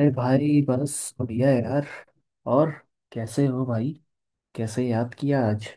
अरे भाई, बस बढ़िया है यार। और कैसे हो भाई? कैसे याद किया आज?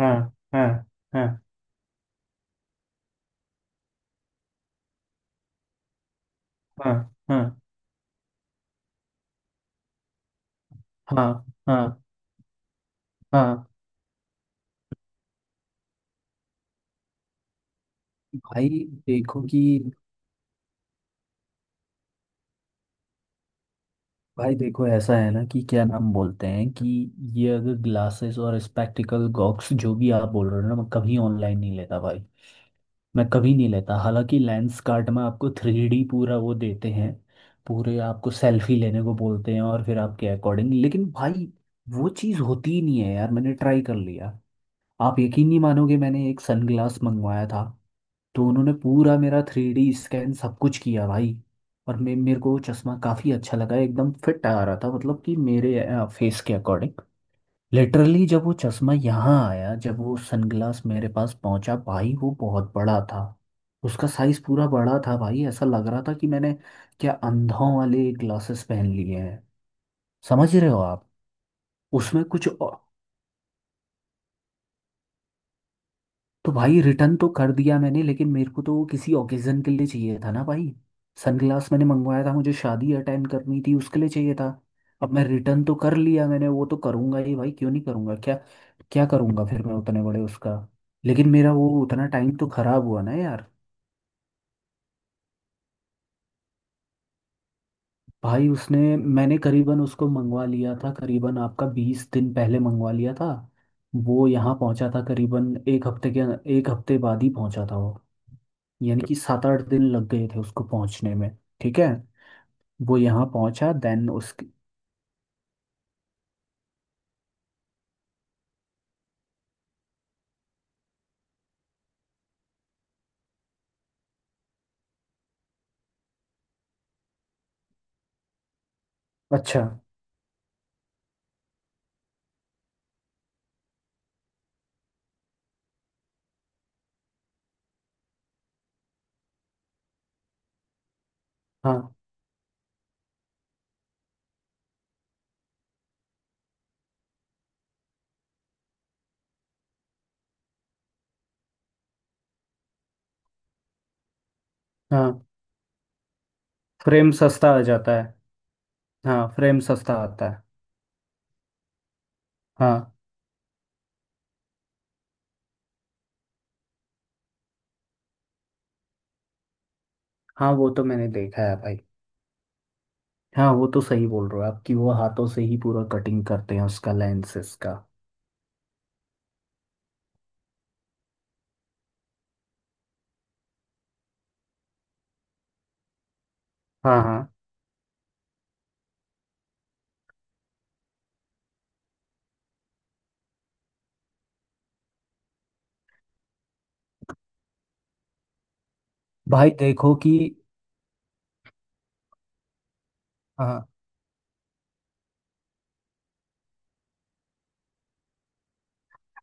हाँ। हाँ। हाँ। हाँ। हाँ। हाँ। हाँ। हाँ। भाई देखो कि, भाई देखो ऐसा है ना कि क्या नाम बोलते हैं कि ये अगर ग्लासेस और स्पेक्टिकल गॉक्स जो भी आप बोल रहे हो ना, मैं कभी ऑनलाइन नहीं लेता भाई। मैं कभी नहीं लेता। हालांकि लेंस कार्ट में आपको 3D पूरा वो देते हैं, पूरे आपको सेल्फी लेने को बोलते हैं और फिर आपके अकॉर्डिंग, लेकिन भाई वो चीज़ होती ही नहीं है यार। मैंने ट्राई कर लिया। आप यकीन नहीं मानोगे, मैंने एक सनग्लास मंगवाया था, तो उन्होंने पूरा मेरा 3D स्कैन सब कुछ किया भाई, और मे मेरे को वो चश्मा काफ़ी अच्छा लगा, एकदम फिट आ रहा था, मतलब कि मेरे फेस के अकॉर्डिंग। लिटरली जब वो चश्मा यहाँ आया, जब वो सनग्लास मेरे पास पहुंचा भाई, वो बहुत बड़ा था। उसका साइज पूरा बड़ा था भाई। ऐसा लग रहा था कि मैंने क्या अंधों वाले ग्लासेस पहन लिए हैं। समझ रहे हो आप? उसमें कुछ औ- तो भाई रिटर्न तो कर दिया मैंने, लेकिन मेरे को तो वो किसी ओकेजन के लिए चाहिए था ना भाई। सनग्लास मैंने मंगवाया था, मुझे शादी अटेंड करनी थी, उसके लिए चाहिए था। अब मैं रिटर्न तो कर लिया मैंने, वो तो करूंगा ही भाई, क्यों नहीं करूंगा, क्या क्या करूंगा फिर मैं उतने बड़े उसका। लेकिन मेरा वो उतना टाइम तो खराब हुआ ना यार। भाई उसने, मैंने करीबन उसको मंगवा लिया था करीबन आपका 20 दिन पहले मंगवा लिया था। वो यहाँ पहुंचा था करीबन एक हफ्ते के, एक हफ्ते बाद ही पहुंचा था वो, यानी कि 7-8 दिन लग गए थे उसको पहुंचने में। ठीक है। वो यहाँ पहुंचा, देन उसकी। अच्छा। हाँ हाँ, फ्रेम सस्ता आ जाता है। हाँ, फ्रेम सस्ता आता है। हाँ हाँ, वो तो मैंने देखा है भाई। हाँ वो तो सही बोल रहे हो आप कि वो हाथों से ही पूरा कटिंग करते हैं उसका, लेंसेस का। हाँ हाँ। भाई देखो कि, हाँ।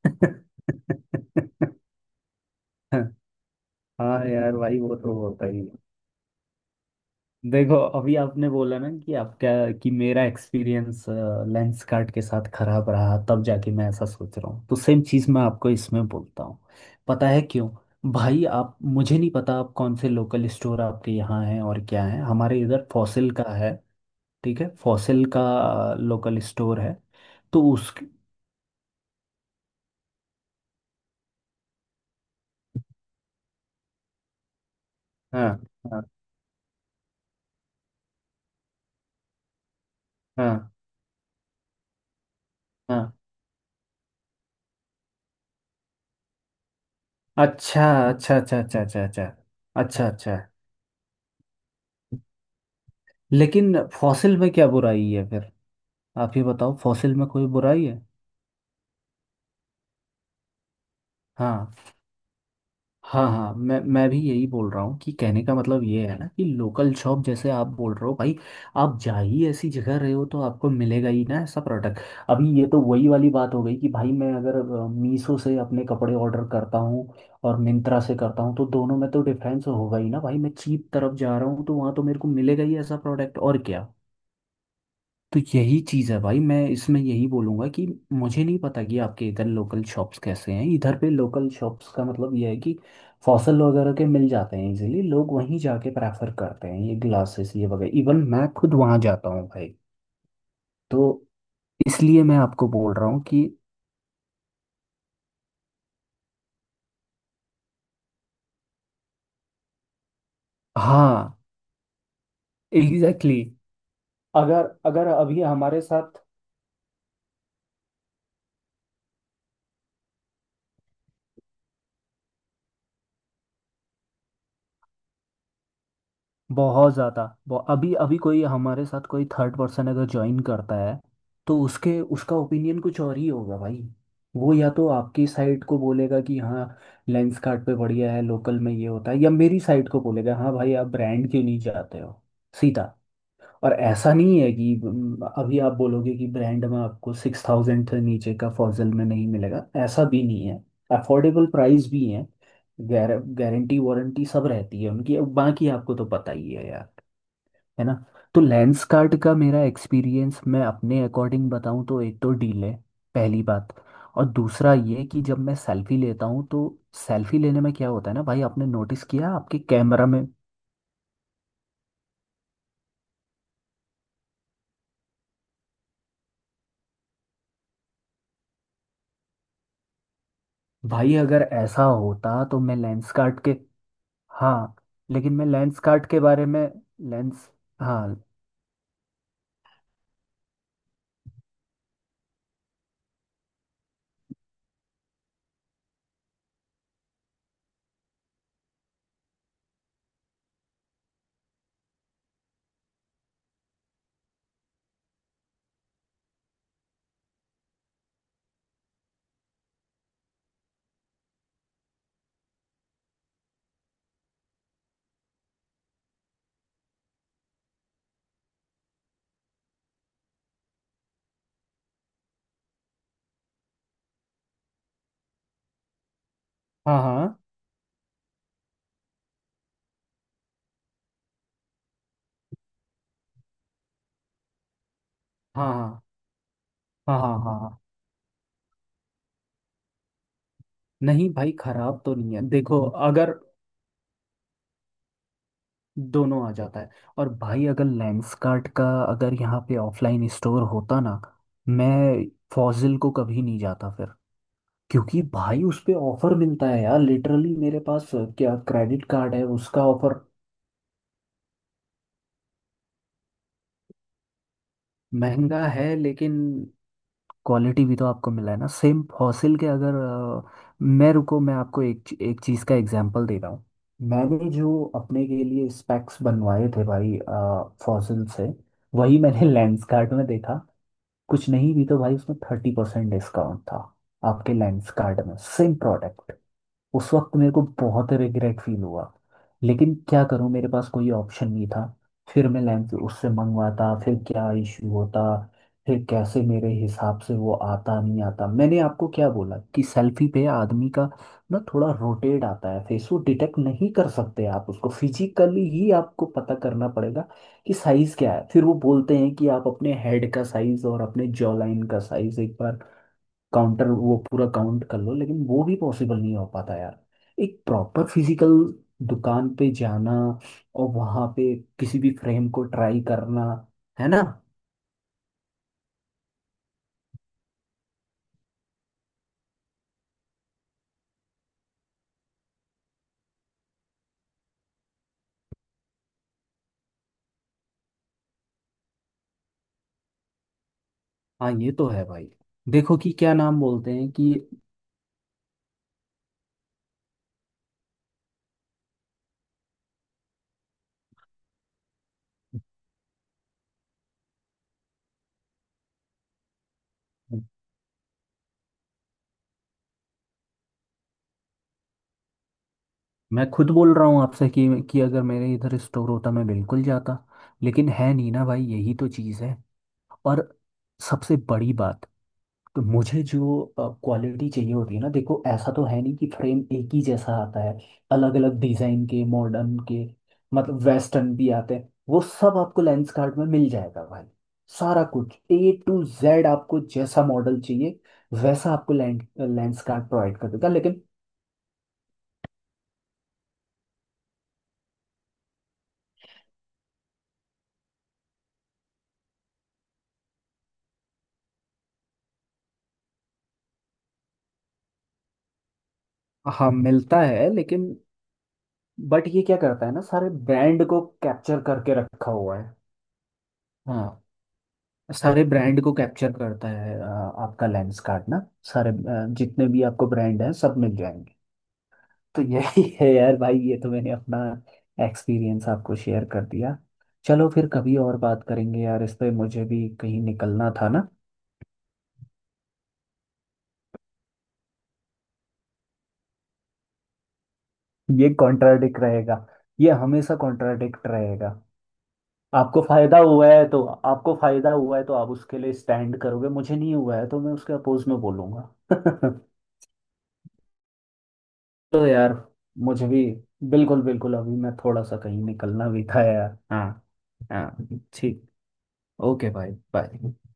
हाँ यार भाई, वो तो होता ही है। देखो अभी आपने बोला ना कि आपका, कि मेरा एक्सपीरियंस लेंस कार्ड के साथ खराब रहा, तब जाके मैं ऐसा सोच रहा हूँ, तो सेम चीज़ मैं आपको इसमें बोलता हूँ। पता है क्यों? भाई, आप, मुझे नहीं पता आप कौन से लोकल स्टोर आपके यहाँ हैं और क्या है, हमारे इधर फॉसिल का है। ठीक है, फॉसिल का लोकल स्टोर है। तो उस, हाँ। हाँ। हाँ। हाँ। अच्छा, अच्छा, अच्छा, अच्छा, अच्छा, अच्छा, अच्छा, अच्छा। लेकिन फॉसिल में क्या बुराई है फिर? आप ही बताओ, फॉसिल में कोई बुराई है? हाँ। हाँ हाँ, मैं भी यही बोल रहा हूँ कि कहने का मतलब ये है ना कि लोकल शॉप जैसे आप बोल रहे हो भाई, आप जा ही ऐसी जगह रहे हो तो आपको मिलेगा ही ना ऐसा प्रोडक्ट। अभी ये तो वही वाली बात हो गई कि भाई मैं अगर मीशो से अपने कपड़े ऑर्डर करता हूँ और मिंत्रा से करता हूँ, तो दोनों में तो डिफरेंस होगा ही ना भाई। मैं चीप तरफ जा रहा हूँ तो वहाँ तो मेरे को मिलेगा ही ऐसा प्रोडक्ट, और क्या। तो यही चीज़ है भाई, मैं इसमें यही बोलूँगा कि मुझे नहीं पता कि आपके इधर लोकल शॉप्स कैसे हैं। इधर पे लोकल शॉप्स का मतलब यह है कि फॉसल वगैरह के मिल जाते हैं इजीली, लोग वहीं जाके प्रेफर करते हैं ये ग्लासेस ये वगैरह, इवन मैं खुद वहाँ जाता हूँ भाई। तो इसलिए मैं आपको बोल रहा हूँ कि, हाँ। Exactly exactly। अगर अगर अभी हमारे साथ, बहुत ज़्यादा, अभी अभी कोई हमारे साथ कोई थर्ड पर्सन अगर ज्वाइन करता है, तो उसके, उसका ओपिनियन कुछ और ही होगा भाई। वो या तो आपकी साइड को बोलेगा कि हाँ लेंस कार्ट पे बढ़िया है, लोकल में ये होता है, या मेरी साइड को बोलेगा हाँ भाई आप ब्रांड क्यों नहीं जाते हो सीधा। और ऐसा नहीं है कि अभी आप बोलोगे कि ब्रांड में आपको 6,000 से नीचे का फॉजल में नहीं मिलेगा, ऐसा भी नहीं है। अफोर्डेबल प्राइस भी है, गारंटी वारंटी सब रहती है उनकी। अब बाकी आपको तो पता ही है यार, है ना। तो लेंस कार्ट का मेरा एक्सपीरियंस मैं अपने अकॉर्डिंग बताऊं तो, एक तो डील है, पहली बात। और दूसरा ये कि जब मैं सेल्फी लेता हूँ तो सेल्फी लेने में क्या होता है ना भाई, आपने नोटिस किया आपके कैमरा में? भाई अगर ऐसा होता तो मैं लेंस कार्ट के, हाँ, लेकिन मैं लेंस कार्ट के बारे में, लेंस, हाँ। हाँ। हाँ। हाँ। हाँ। हाँ। हाँ। हाँ। हाँ। नहीं भाई, खराब तो नहीं है, देखो। अगर, दोनों आ जाता है। और भाई अगर लेंस कार्ट का, अगर यहाँ पे ऑफलाइन स्टोर होता ना, मैं फॉजिल को कभी नहीं जाता फिर, क्योंकि भाई उस पे ऑफर मिलता है यार। लिटरली मेरे पास क्या क्रेडिट कार्ड है उसका ऑफर। महंगा है लेकिन क्वालिटी भी तो आपको मिला है ना सेम फॉसिल के, अगर अ, मैं, रुको, मैं आपको एक एक चीज़ का एग्जांपल दे रहा हूँ। मैंने जो अपने के लिए स्पेक्स बनवाए थे भाई फॉसिल से, वही मैंने लेंसकार्ट में देखा, कुछ नहीं भी तो भाई उसमें 30% डिस्काउंट था, आपके लेंसकार्ट में सेम प्रोडक्ट। उस वक्त मेरे को बहुत रिग्रेट फील हुआ, लेकिन क्या करूं, मेरे पास कोई ऑप्शन नहीं था। फिर मैं लैंप उससे मंगवाता, फिर क्या इश्यू होता, फिर कैसे मेरे हिसाब से वो आता नहीं आता। मैंने आपको क्या बोला कि सेल्फी पे आदमी का ना थोड़ा रोटेट आता है फेस, वो डिटेक्ट नहीं कर सकते। आप उसको फिजिकली ही आपको पता करना पड़ेगा कि साइज क्या है। फिर वो बोलते हैं कि आप अपने हेड का साइज और अपने जॉ लाइन का साइज एक बार काउंटर, वो पूरा काउंट कर लो, लेकिन वो भी पॉसिबल नहीं हो पाता यार। एक प्रॉपर फिजिकल दुकान पे जाना और वहां पे किसी भी फ्रेम को ट्राई करना, है ना। हाँ ये तो है भाई। देखो कि क्या नाम बोलते हैं कि, मैं खुद बोल रहा हूँ आपसे कि अगर मेरे इधर स्टोर होता मैं बिल्कुल जाता, लेकिन है नहीं ना भाई, यही तो चीज़ है। और सबसे बड़ी बात, तो मुझे जो क्वालिटी चाहिए होती है ना, देखो ऐसा तो है नहीं कि फ्रेम एक ही जैसा आता है, अलग अलग डिजाइन के, मॉडर्न के, मतलब वेस्टर्न भी आते हैं, वो सब आपको लेंस कार्ड में मिल जाएगा भाई। सारा कुछ A to Z, आपको जैसा मॉडल चाहिए वैसा आपको लेंस कार्ड प्रोवाइड कर देगा, लेकिन, हाँ मिलता है लेकिन, बट ये क्या करता है ना, सारे ब्रांड को कैप्चर करके रखा हुआ है। हाँ, सारे ब्रांड को कैप्चर करता है। आपका लेंस कार्ड ना, सारे जितने भी आपको ब्रांड हैं सब मिल जाएंगे। तो यही है यार भाई। ये तो मैंने अपना एक्सपीरियंस आपको शेयर कर दिया। चलो फिर कभी और बात करेंगे यार इस पे, मुझे भी कहीं निकलना था ना। ये कॉन्ट्राडिक्ट रहेगा, ये हमेशा कॉन्ट्राडिक्ट रहेगा। आपको फायदा हुआ है तो आपको फायदा हुआ है तो आप उसके लिए स्टैंड करोगे, मुझे नहीं हुआ है तो मैं उसके अपोज में बोलूंगा। चलो यार, मुझे भी बिल्कुल बिल्कुल, अभी मैं थोड़ा सा कहीं निकलना भी था यार। हाँ। हाँ, ठीक। ओके भाई, बाय।